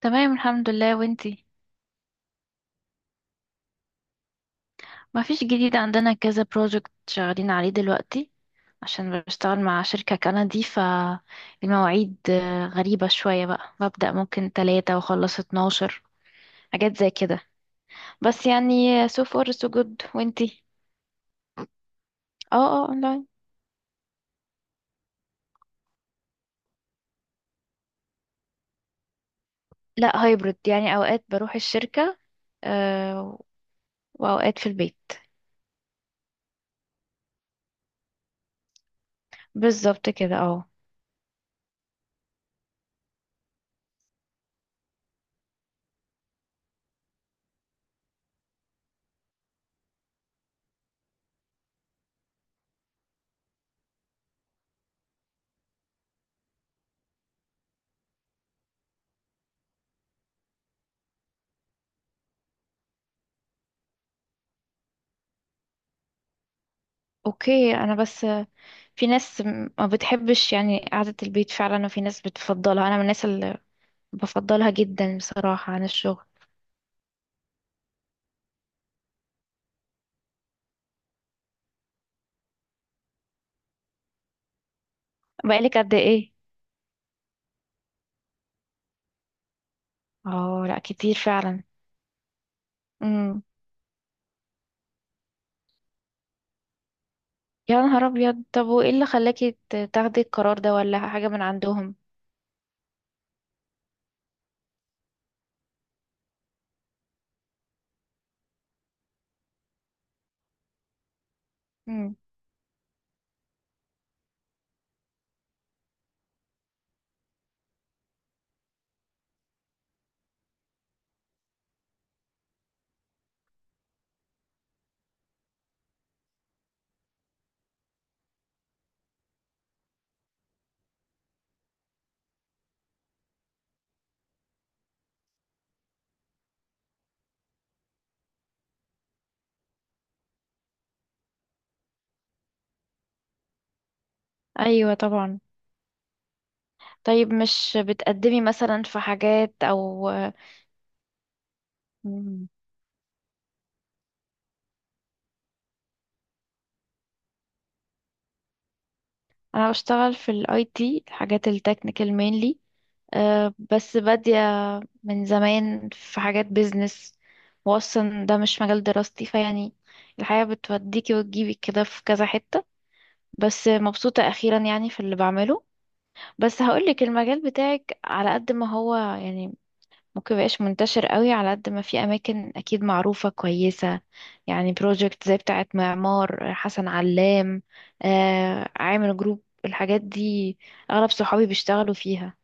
تمام الحمد لله وانتي. ما فيش جديد عندنا، كذا بروجكت شغالين عليه دلوقتي عشان بشتغل مع شركة كندي، فالمواعيد غريبة شوية بقى، ببدأ ممكن تلاتة واخلص اتناشر، حاجات زي كده. بس يعني so far so good، وانتي؟ اه اونلاين. لا هايبرد، يعني اوقات بروح الشركة آه، واوقات في البيت. بالظبط كده، اه. اوكي، انا بس في ناس ما بتحبش يعني قعدة البيت فعلا، وفي ناس بتفضلها، انا من الناس بفضلها جدا بصراحة عن الشغل. بقالك قد ايه؟ اه لا، كتير فعلا. امم. يا نهار ابيض، طب وايه اللي خلاكي تاخدي القرار ده، ولا حاجة من عندهم؟ امم. ايوه طبعا. طيب مش بتقدمي مثلا في حاجات، او؟ مم. انا بشتغل في الاي تي، حاجات التكنيكال مينلي، أه، بس بادية من زمان في حاجات بيزنس، واصلا ده مش مجال دراستي، فيعني الحياة بتوديكي وتجيبك كده في كذا حتة. بس مبسوطة أخيرا يعني في اللي بعمله. بس هقولك، المجال بتاعك على قد ما هو يعني ممكن مبقاش منتشر قوي، على قد ما في أماكن أكيد معروفة كويسة، يعني بروجكت زي بتاعة معمار حسن علام، آه عامل جروب، الحاجات دي أغلب صحابي بيشتغلوا فيها.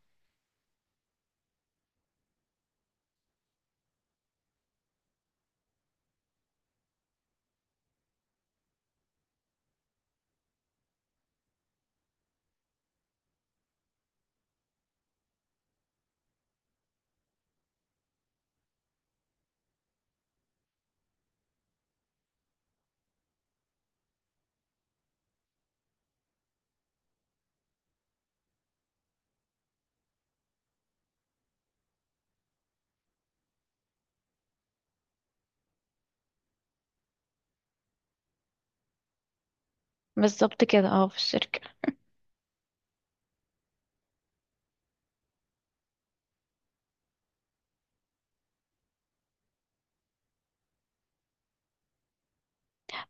بالظبط كده، اه، في الشركة.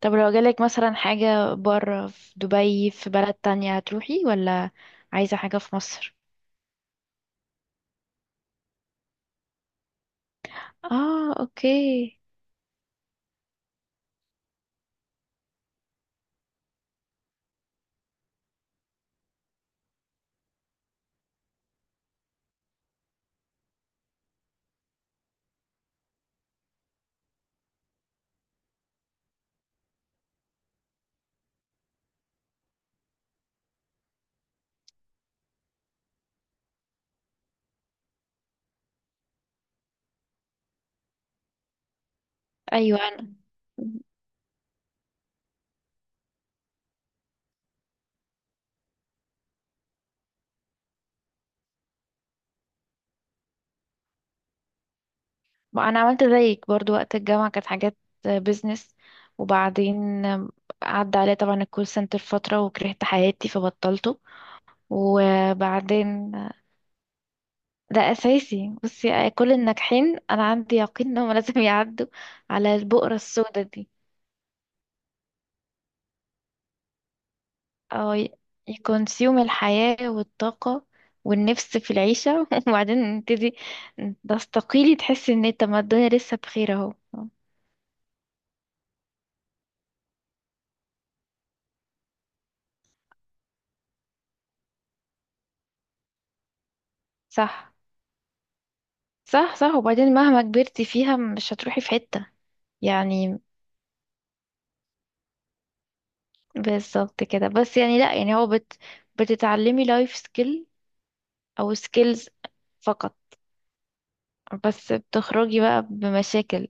طب لو جالك مثلا حاجة بره في دبي، في بلد تانية، هتروحي ولا عايزة حاجة في مصر؟ اه اوكي. ايوه. ما انا عملت زيك برضو وقت الجامعة، كانت حاجات بيزنس، وبعدين عدى عليا طبعا الكول سنتر فترة، وكرهت حياتي فبطلته. وبعدين ده اساسي، بصي كل الناجحين انا عندي يقين انهم لازم يعدوا على البؤرة السوداء دي، او يكونسيوم الحياة والطاقة والنفس في العيشة وبعدين تبتدي تستقيلي، تحسي ان طب ما الدنيا لسه بخير اهو. صح، صح، صح، وبعدين مهما كبرتي فيها مش هتروحي في حتة، يعني بالظبط كده. بس يعني لا، يعني هو بت بتتعلمي لايف سكيل او سكيلز فقط. بس بتخرجي بقى بمشاكل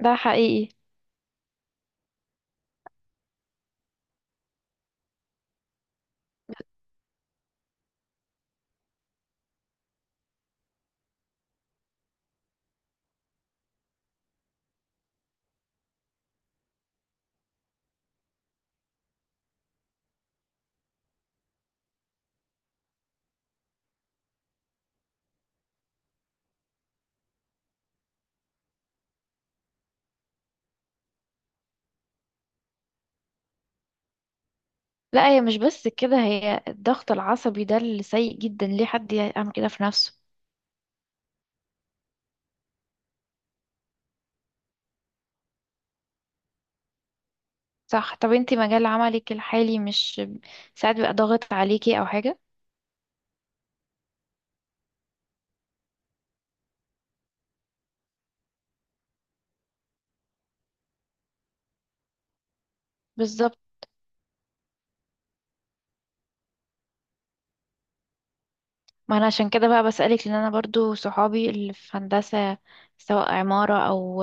ده حقيقي. لا هي مش بس كده، هي الضغط العصبي ده اللي سيء جدا، ليه حد يعمل كده في نفسه؟ صح. طب انتي مجال عملك الحالي مش ساعات بيبقى ضاغط عليكي او حاجة؟ بالظبط. ما انا عشان كده بقى بسألك، لان انا برضو صحابي اللي في هندسة، سواء عمارة او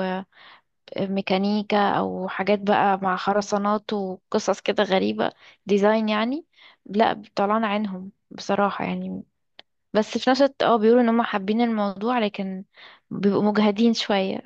ميكانيكا او حاجات بقى مع خرسانات وقصص كده غريبة، ديزاين يعني، لا طلعنا عينهم بصراحة يعني. بس في نفس الوقت اه بيقولوا ان هم حابين الموضوع، لكن بيبقوا مجهدين شوية.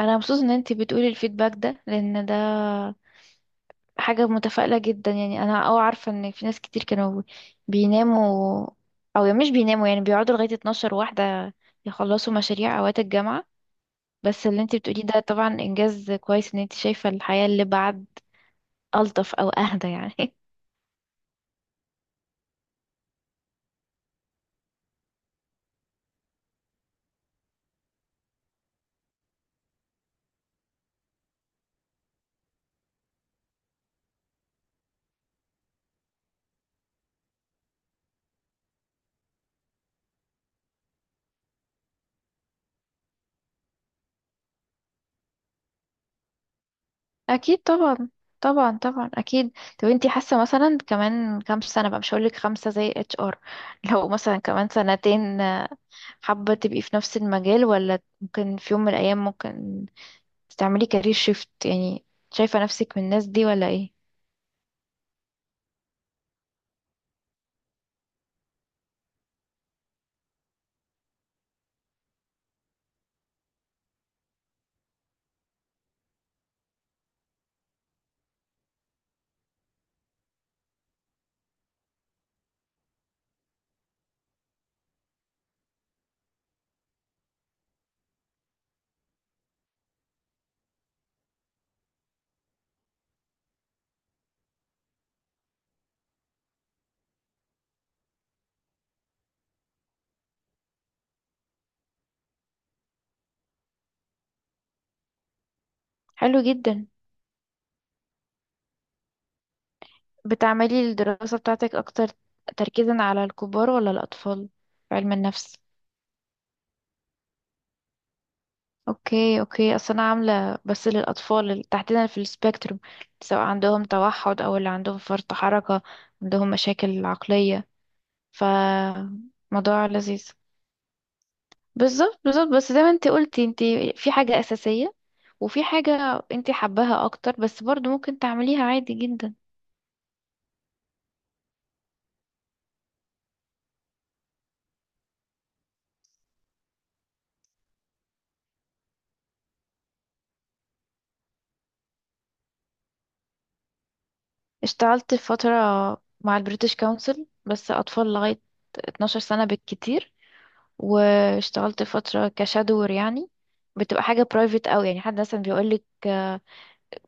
انا مبسوطة ان انتي بتقولي الفيدباك ده، لان ده حاجة متفائلة جدا، يعني انا اه عارفة ان في ناس كتير كانوا بيناموا، او يعني مش بيناموا، يعني بيقعدوا لغاية 12 واحدة يخلصوا مشاريع اوقات الجامعة. بس اللي انتي بتقوليه ده طبعا انجاز كويس، ان انتي شايفة الحياة اللي بعد ألطف أو أهدى يعني أكيد طبعا. طبعا طبعا أكيد. طب أنتي حاسة مثلا كمان كام سنة بقى، مش هقولك خمسة زي اتش ار لو مثلا كمان سنتين حابة تبقي في نفس المجال، ولا ممكن في يوم من الأيام ممكن تعملي كارير شيفت يعني، شايفة نفسك من الناس دي ولا ايه؟ حلو جدا. بتعملي الدراسة بتاعتك أكتر تركيزا على الكبار ولا الأطفال في علم النفس؟ اوكي، اوكي. اصل انا عامله بس للاطفال اللي تحديدا في السبيكتروم، سواء عندهم توحد او اللي عندهم فرط حركه، عندهم مشاكل عقليه، ف موضوع لذيذ. بالظبط بالظبط، بس زي ما انت قلتي، انت في حاجه اساسيه، وفي حاجه انت حباها اكتر بس برضو ممكن تعمليها عادي جدا. اشتغلت فتره مع البريتش كونسل، بس اطفال لغايه 12 سنه بالكتير. واشتغلت فترة كشادور يعني، بتبقى حاجة برايفت قوي، يعني حد مثلا بيقولك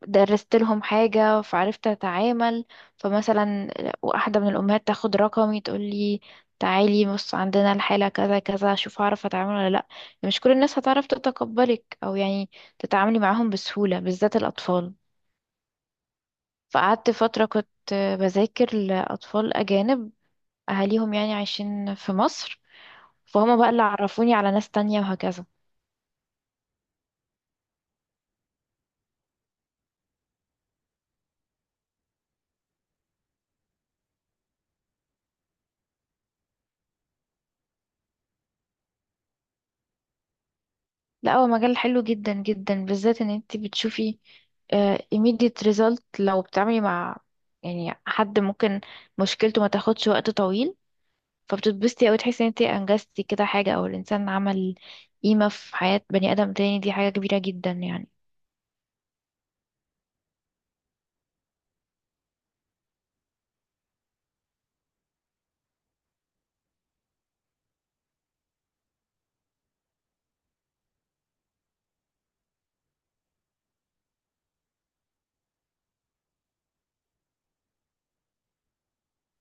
درست لهم حاجة فعرفت أتعامل، فمثلا واحدة من الأمهات تاخد رقمي تقولي تعالي بص عندنا الحالة كذا كذا، شوف هعرف أتعامل ولا لأ، يعني مش كل الناس هتعرف تتقبلك، أو يعني تتعاملي معاهم بسهولة، بالذات الأطفال. فقعدت فترة كنت بذاكر لأطفال أجانب، أهاليهم يعني عايشين في مصر، فهم بقى اللي عرفوني على ناس تانية وهكذا. لا هو مجال حلو جدا جدا، بالذات ان انت بتشوفي immediate result لو بتعملي مع يعني حد ممكن مشكلته ما تاخدش وقت طويل، فبتتبسطي، او تحسي ان انت انجزتي كده حاجة، او الانسان عمل قيمة في حياة بني ادم تاني، دي حاجة كبيرة جدا يعني.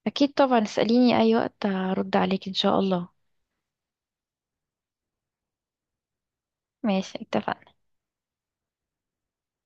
اكيد طبعا، اسأليني اي وقت هرد عليك ان شاء الله. ماشي اتفقنا.